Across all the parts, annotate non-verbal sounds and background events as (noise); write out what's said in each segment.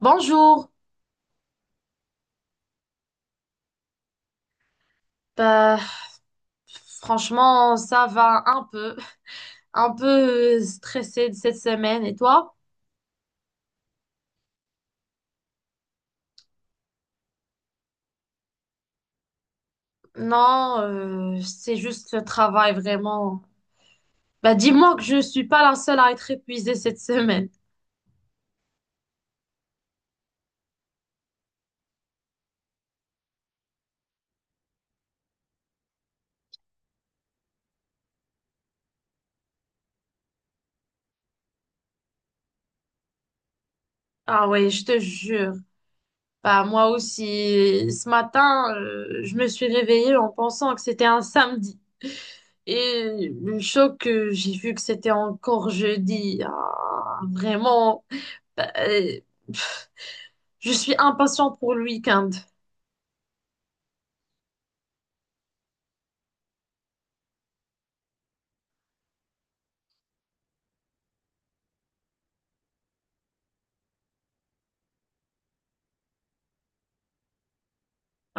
Bonjour. Bah, franchement, ça va un peu stressé de cette semaine. Et toi? Non, c'est juste le travail vraiment. Bah, dis-moi que je suis pas la seule à être épuisée cette semaine. Ah ouais, je te jure. Bah, moi aussi, ce matin, je me suis réveillée en pensant que c'était un samedi. Et le choc que j'ai vu que c'était encore jeudi. Ah, vraiment. Bah, Je suis impatiente pour le week-end.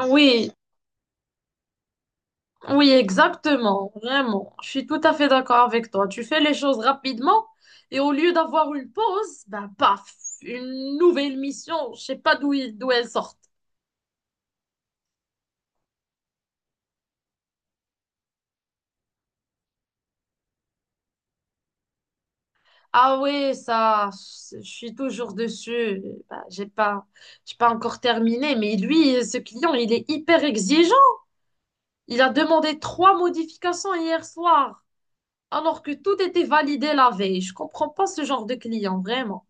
Oui, oui, exactement, vraiment. Je suis tout à fait d'accord avec toi. Tu fais les choses rapidement et au lieu d'avoir une pause, ben paf, une nouvelle mission. Je sais pas d'où elle sort. Ah oui, ça, je suis toujours dessus. Ben, j'ai pas encore terminé, mais lui, ce client, il est hyper exigeant. Il a demandé trois modifications hier soir, alors que tout était validé la veille. Je comprends pas ce genre de client, vraiment.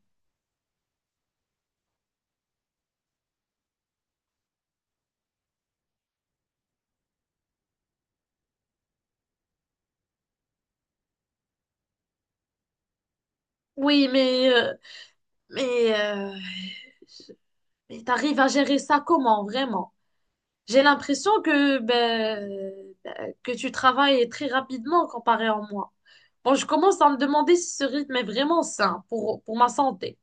Oui, mais, euh, mais, euh, mais t'arrives à gérer ça comment, vraiment? J'ai l'impression que, que tu travailles très rapidement comparé à moi. Bon, je commence à me demander si ce rythme est vraiment sain pour ma santé.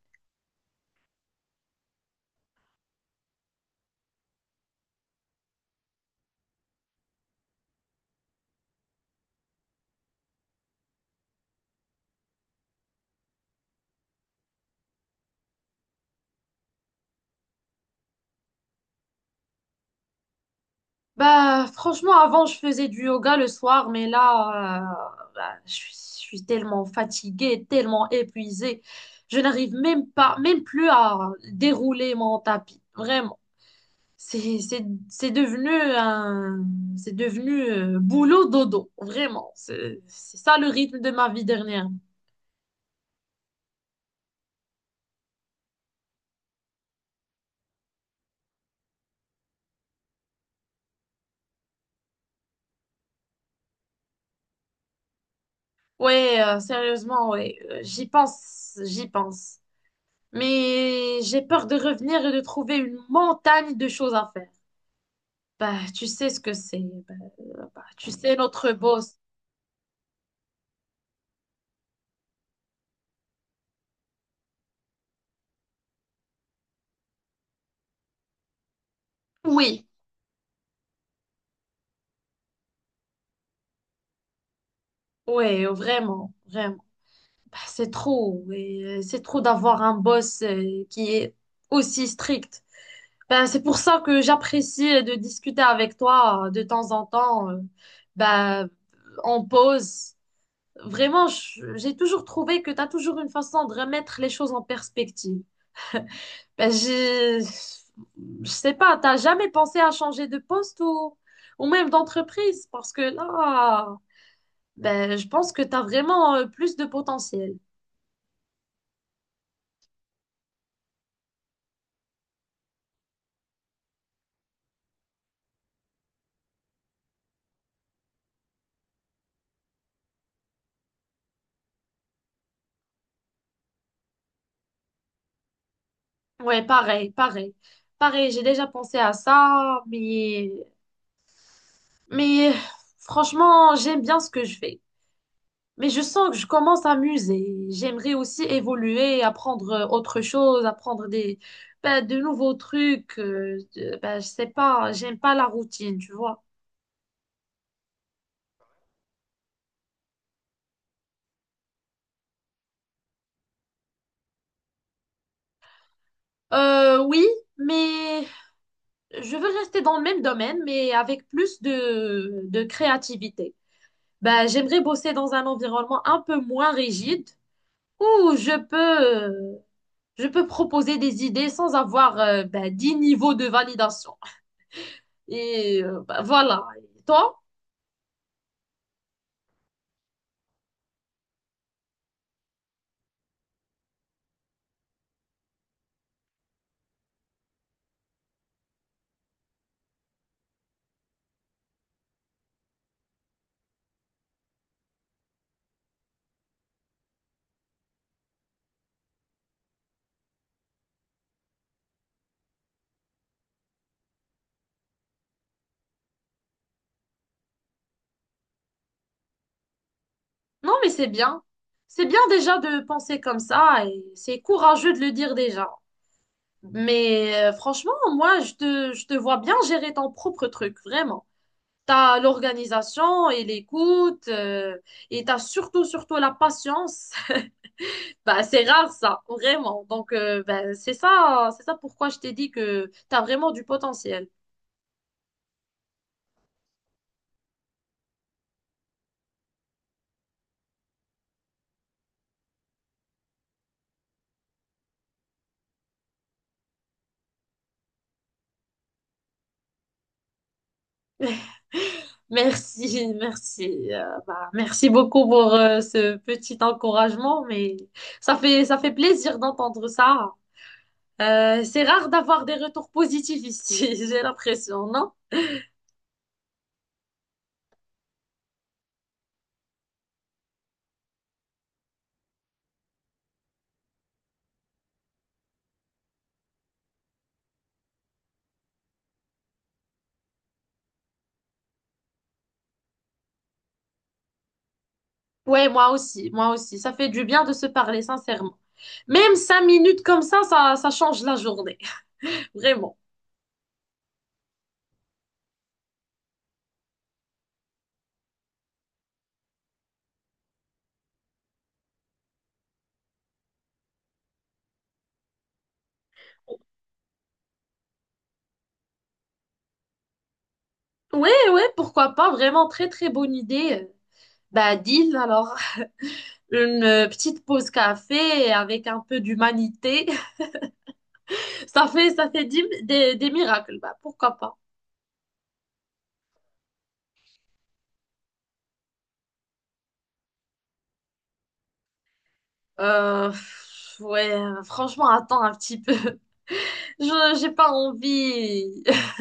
Bah, franchement, avant, je faisais du yoga le soir, mais là, bah, je suis tellement fatiguée, tellement épuisée. Je n'arrive même pas, même plus à dérouler mon tapis. Vraiment. C'est devenu c'est devenu boulot dodo, vraiment. C'est ça le rythme de ma vie dernière. Ouais, sérieusement, ouais. J'y pense, j'y pense. Mais j'ai peur de revenir et de trouver une montagne de choses à faire. Bah, tu sais ce que c'est. Bah, Bah, tu sais notre boss. Oui, ouais, vraiment, vraiment. Bah, c'est trop, ouais. C'est trop d'avoir un boss qui est aussi strict. Ben, c'est pour ça que j'apprécie de discuter avec toi de temps en temps, ben, en pause. Vraiment, j'ai toujours trouvé que tu as toujours une façon de remettre les choses en perspective. Ben, je sais pas, t'as jamais pensé à changer de poste ou même d'entreprise? Parce que là, ben, je pense que tu as vraiment plus de potentiel. Ouais, pareil, pareil. Pareil, j'ai déjà pensé à ça, mais franchement, j'aime bien ce que je fais. Mais je sens que je commence à m'user. J'aimerais aussi évoluer, apprendre autre chose, ben, de nouveaux trucs. Ben, je sais pas, j'aime pas la routine, tu vois. Oui, mais je veux rester dans le même domaine, mais avec plus de créativité. Ben, j'aimerais bosser dans un environnement un peu moins rigide où euh, je peux proposer des idées sans avoir, ben, 10 niveaux de validation. Et bah, voilà. Et toi? Non, mais c'est bien. C'est bien déjà de penser comme ça et c'est courageux de le dire déjà. Mais franchement, moi, je te vois bien gérer ton propre truc, vraiment. T'as l'organisation et l'écoute et t'as surtout, surtout la patience. (laughs) Bah, c'est rare ça, vraiment. Donc, bah, c'est ça pourquoi je t'ai dit que t'as vraiment du potentiel. Merci, (laughs) merci. Bah, merci beaucoup pour ce petit encouragement, mais ça fait plaisir d'entendre ça. C'est rare d'avoir des retours positifs ici, (laughs) j'ai l'impression, non? Ouais, moi aussi, moi aussi. Ça fait du bien de se parler, sincèrement. Même cinq minutes comme ça, ça change la journée, (laughs) vraiment. Ouais, ouais, pourquoi pas, vraiment très très bonne idée. Bah, deal alors. (laughs) Une petite pause café avec un peu d'humanité. Ça fait des miracles. Bah, pourquoi pas? Pff, ouais, franchement, attends un petit peu. (laughs) J'ai pas envie. (laughs)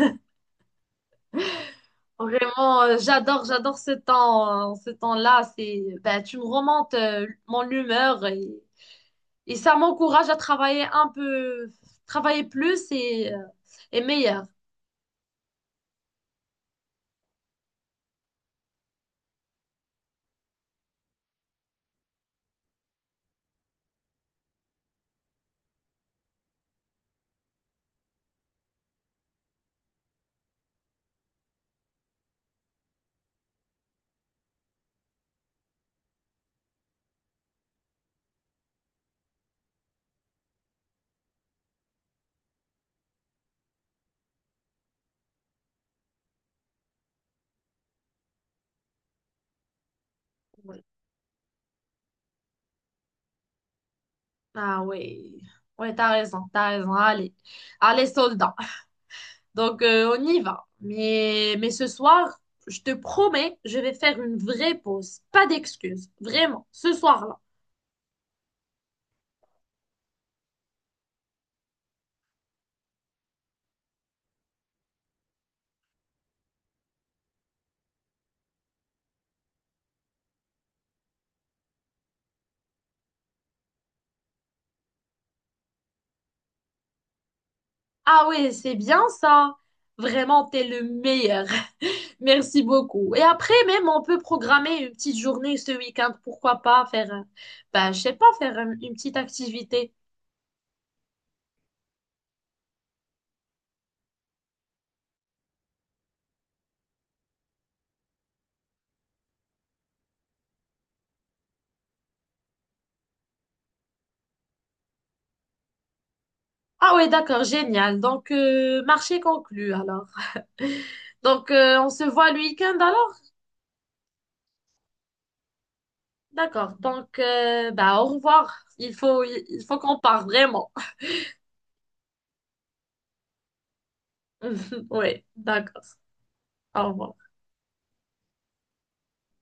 Vraiment, j'adore, j'adore ce temps, hein. Ce temps-là, c'est, bah, tu me remontes mon humeur et ça m'encourage à travailler un peu, travailler plus et meilleur. Ouais. Ah ouais, ouais, t'as raison, t'as raison. Allez, allez, soldat. Donc, on y va. Mais ce soir, je te promets, je vais faire une vraie pause. Pas d'excuses. Vraiment, ce soir-là. Ah ouais, c'est bien ça. Vraiment, t'es le meilleur. (laughs) Merci beaucoup. Et après, même, on peut programmer une petite journée ce week-end. Pourquoi pas faire, bah, je sais pas, faire une petite activité. Ah ouais, d'accord, génial. Donc, marché conclu alors. (laughs) Donc, on se voit le week-end alors? D'accord. Donc, bah, au revoir. Il faut qu'on parle vraiment. (laughs) Oui, d'accord. Au revoir.